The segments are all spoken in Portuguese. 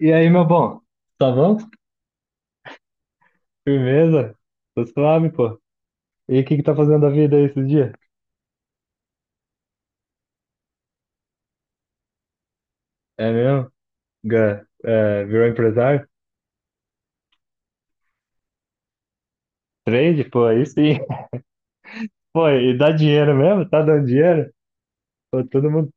E aí, meu bom? Tá bom? Firmeza? Tô suave, pô. E o que que tá fazendo da vida aí esses dias? É mesmo? É, virou empresário? Trade? Pô, aí sim. Pô, e dá dinheiro mesmo? Tá dando dinheiro? Pô, todo mundo...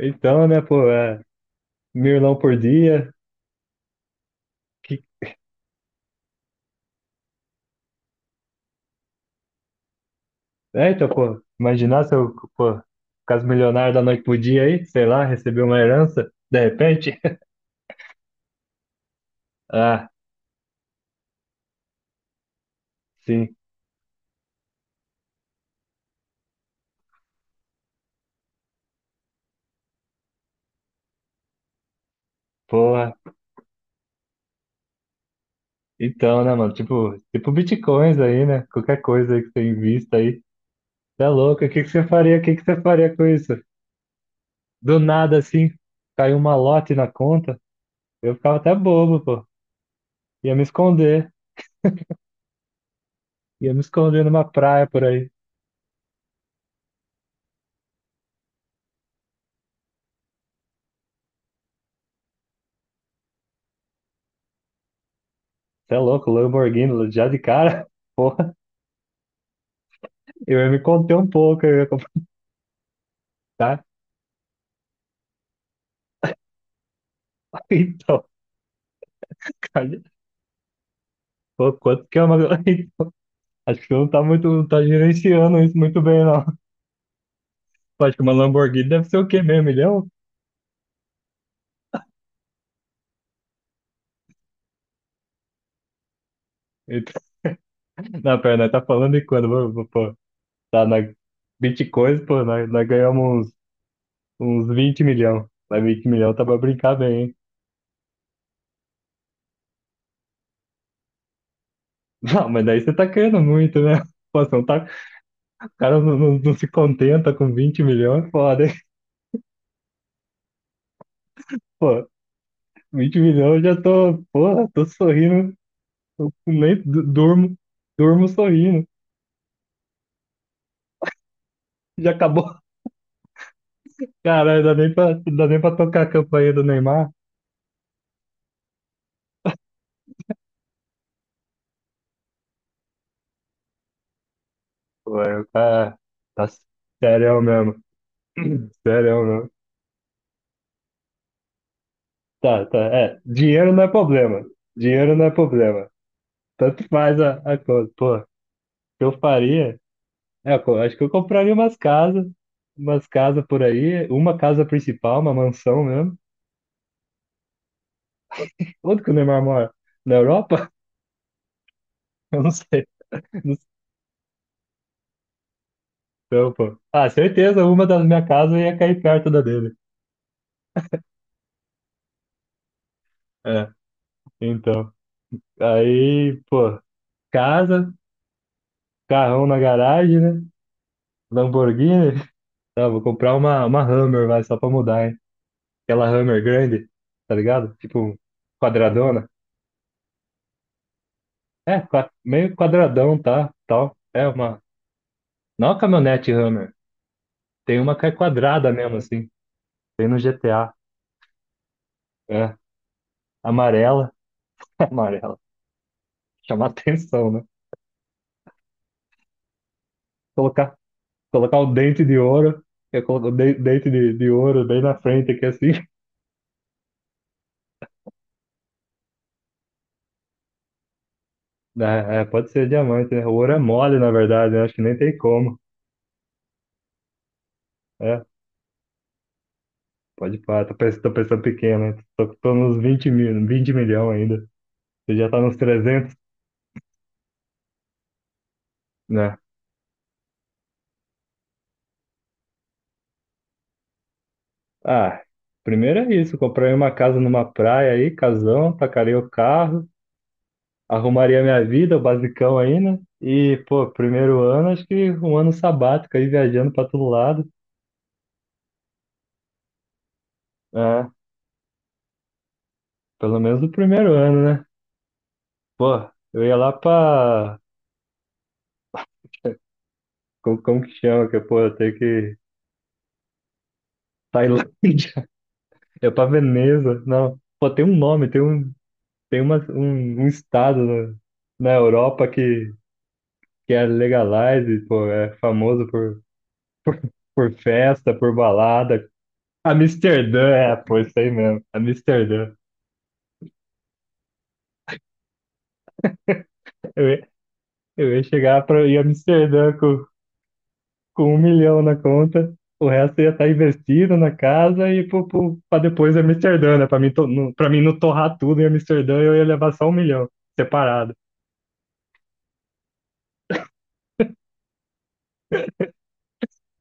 Então, né, pô, é... Milão por dia. Que... É, então, pô, imaginar se eu, pô, caso milionário da noite pro dia aí, sei lá, receber uma herança, de repente. Ah, sim. Porra. Então, né, mano, tipo bitcoins aí, né? Qualquer coisa aí que você invista aí. Tá louco? O que que você faria? O que que você faria com isso? Do nada, assim, caiu um malote na conta. Eu ficava até bobo, pô. Ia me esconder. Ia me esconder numa praia por aí. Você é louco? Lamborghini, já de cara? Porra, eu ia me conter um pouco. Eu ia comprar. Então, cara, pô, quanto que é uma. Acho que você não tá muito, não tá gerenciando isso muito bem, não. Pô, acho que uma Lamborghini deve ser o quê mesmo? Milhão? Então, na perna, tá falando de quando? Pô, tá na Bitcoin, pô, nós ganhamos uns 20 milhão. Mas 20 milhão tá pra brincar bem, hein? Não, mas daí você tá querendo muito, né? Pô, você não tá... O cara não se contenta com 20 milhões, é foda, hein? Pô, 20 milhões eu já tô, porra, tô sorrindo. Eu nem durmo sorrindo. Já acabou. Caralho, dá nem pra tocar a campanha do Neymar. Pô, é, tá sério mesmo. Sério mesmo. Tá, tá, é. Dinheiro não é problema. Dinheiro não é problema. Tanto faz a coisa. Pô, que eu faria? É, acho que eu compraria umas casas por aí, uma casa principal, uma mansão mesmo. Onde que o Neymar mora? Na Europa? Eu não sei, não sei, não, pô. Ah, certeza, uma das minhas casas ia cair perto da dele. É, então. Aí, pô, casa, carrão na garagem, né? Lamborghini. Tá, vou comprar uma Hammer, vai, só pra mudar, hein? Aquela Hammer grande, tá ligado? Tipo, quadradona. É, meio quadradão, tá? Tal. É uma Não, a caminhonete Hammer. Tem uma que é quadrada mesmo, assim. Tem no GTA. É. Amarela. Amarela. Chamar atenção, né? Colocar, colocar o dente de ouro. Eu coloco o dente de ouro bem na frente aqui, assim. É, pode ser diamante, né? O ouro é mole, na verdade, né? Acho que nem tem como. É, pode pá. Tô pensando pequeno, né? Tô nos 20 mil, 20 milhões ainda. Você já tá nos 300, né? Ah, primeiro é isso. Comprei uma casa numa praia aí, casão, tacarei o carro, arrumaria minha vida, o basicão aí, né? E, pô, primeiro ano, acho que um ano sabático aí, viajando pra todo lado. É, pelo menos o primeiro ano, né? Pô, eu ia lá pra. Como que chama? Que, pô, eu tenho que. Tailândia, é pra Veneza, não. Pô, tem um nome, tem um, tem uma, um estado na Europa que é legalized, pô, é famoso por festa, por balada. Amsterdã, é, pô, isso aí mesmo, Amsterdã. Eu, Eu ia chegar para ir a Amsterdã com um milhão na conta, o resto ia estar investido na casa e para depois em Amsterdã, né? Para mim, pra mim não torrar tudo em Amsterdã, eu ia levar só 1 milhão separado.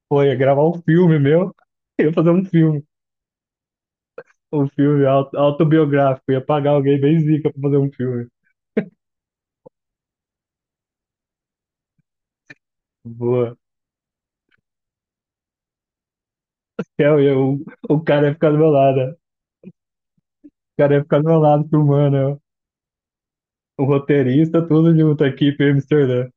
Pô, ia gravar um filme meu, eu ia fazer um filme autobiográfico, ia pagar alguém bem zica para fazer um filme. Boa. É, o cara ia ficar do meu lado, né? O cara ia ficar do meu lado filmando, eu. O roteirista, tudo junto, a equipe em Amsterdã.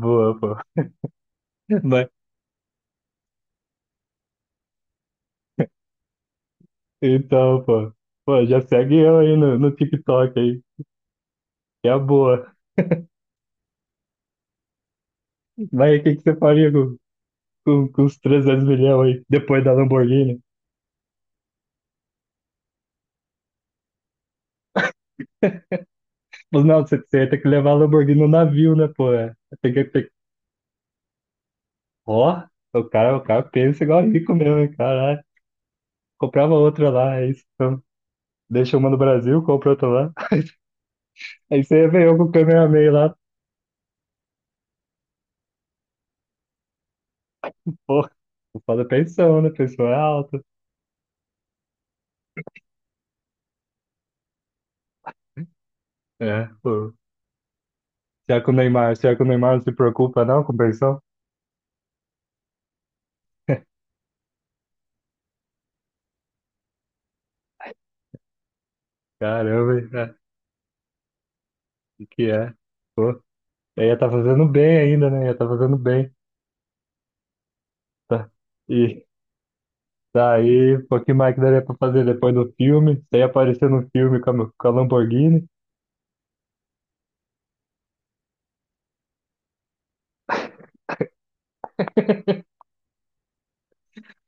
Boa, pô. Mas Então, pô. Pô, já segue eu aí no TikTok aí, que é a boa. Mas o que, que você faria com os 300 milhões aí, depois da Lamborghini? Mas não, você ia ter que levar a Lamborghini no navio, né, pô? É. Tem que, tem... que- Ó, o cara pensa igual rico mesmo, hein, caralho. Comprava outra lá, é isso. Então, deixa uma no Brasil, compra outra lá. Aí você veio com o Kamehameha lá, pô. Foda a pensão, né? Pensão é alta. É, pô. Será que o Neymar não se preocupa não com pensão? Caramba, hein? O que é? Pô, eu ia tá fazendo bem ainda, né? Ia tá fazendo bem. Tá. E daí, pô, que mais que daria pra fazer depois do filme? Você ia aparecer no filme com a Lamborghini.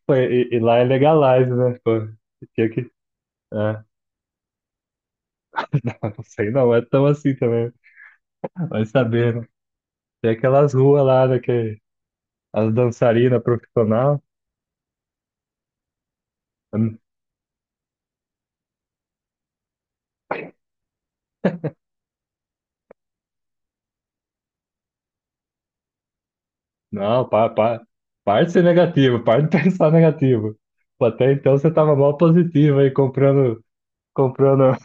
Pô, e lá é legalize, né? Pô, tinha que. É. Não sei não, é tão assim também. Vai saber, né? Tem aquelas ruas lá, né, que as dançarinas profissional. Hum, Não, parte de ser negativo, parte de pensar negativo. Pô, até então você tava mal positivo aí comprando, comprando.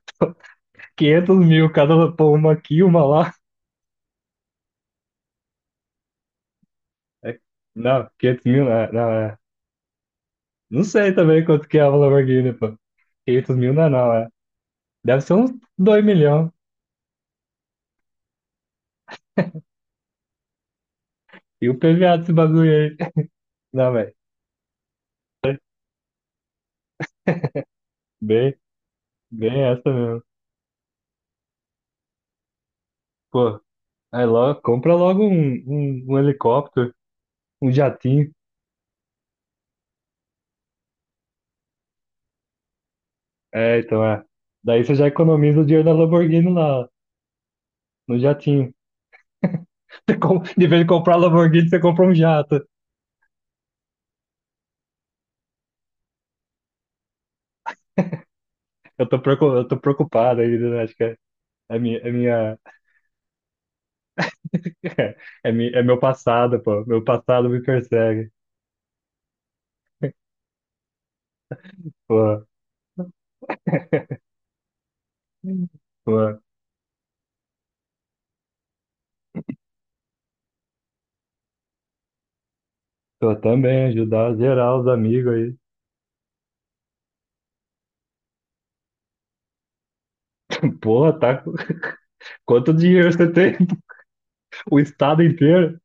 500 mil cada, pô, uma aqui, uma lá. É- Não, 500 mil não é. Não sei também quanto que é a Lamborghini, pô. 500 mil não é não, é. Deve ser uns 2 milhões. E o PVA desse bagulho aí. Não, velho. Bem, bem essa mesmo. Pô, aí logo, compra logo um, helicóptero, um jatinho. É, então é. Daí você já economiza o dinheiro da Lamborghini lá, no jatinho. De vez de comprar a Lamborghini, você compra um jato. Eu tô preocupado aí, né? Acho que é minha, é minha é meu passado, pô. Meu passado me persegue. Pô, pô, tô também ajudar geral os amigos aí. Porra, tá. Quanto dinheiro você tem? O estado inteiro?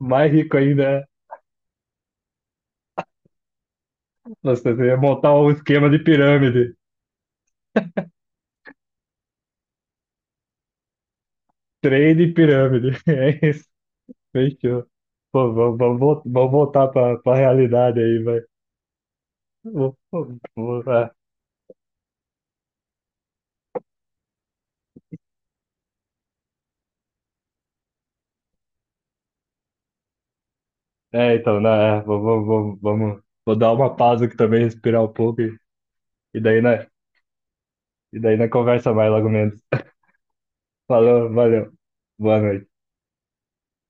Mais rico ainda. É. Nossa, você ia montar um esquema de pirâmide. Trade pirâmide. É isso. Fechou. Pô, vamos voltar pra realidade aí, vai. Vou- vou- vou- É, então, né? Vou dar uma pausa aqui também, respirar um pouco. E daí, né? E daí na conversa mais logo menos. Falou, valeu. Boa noite.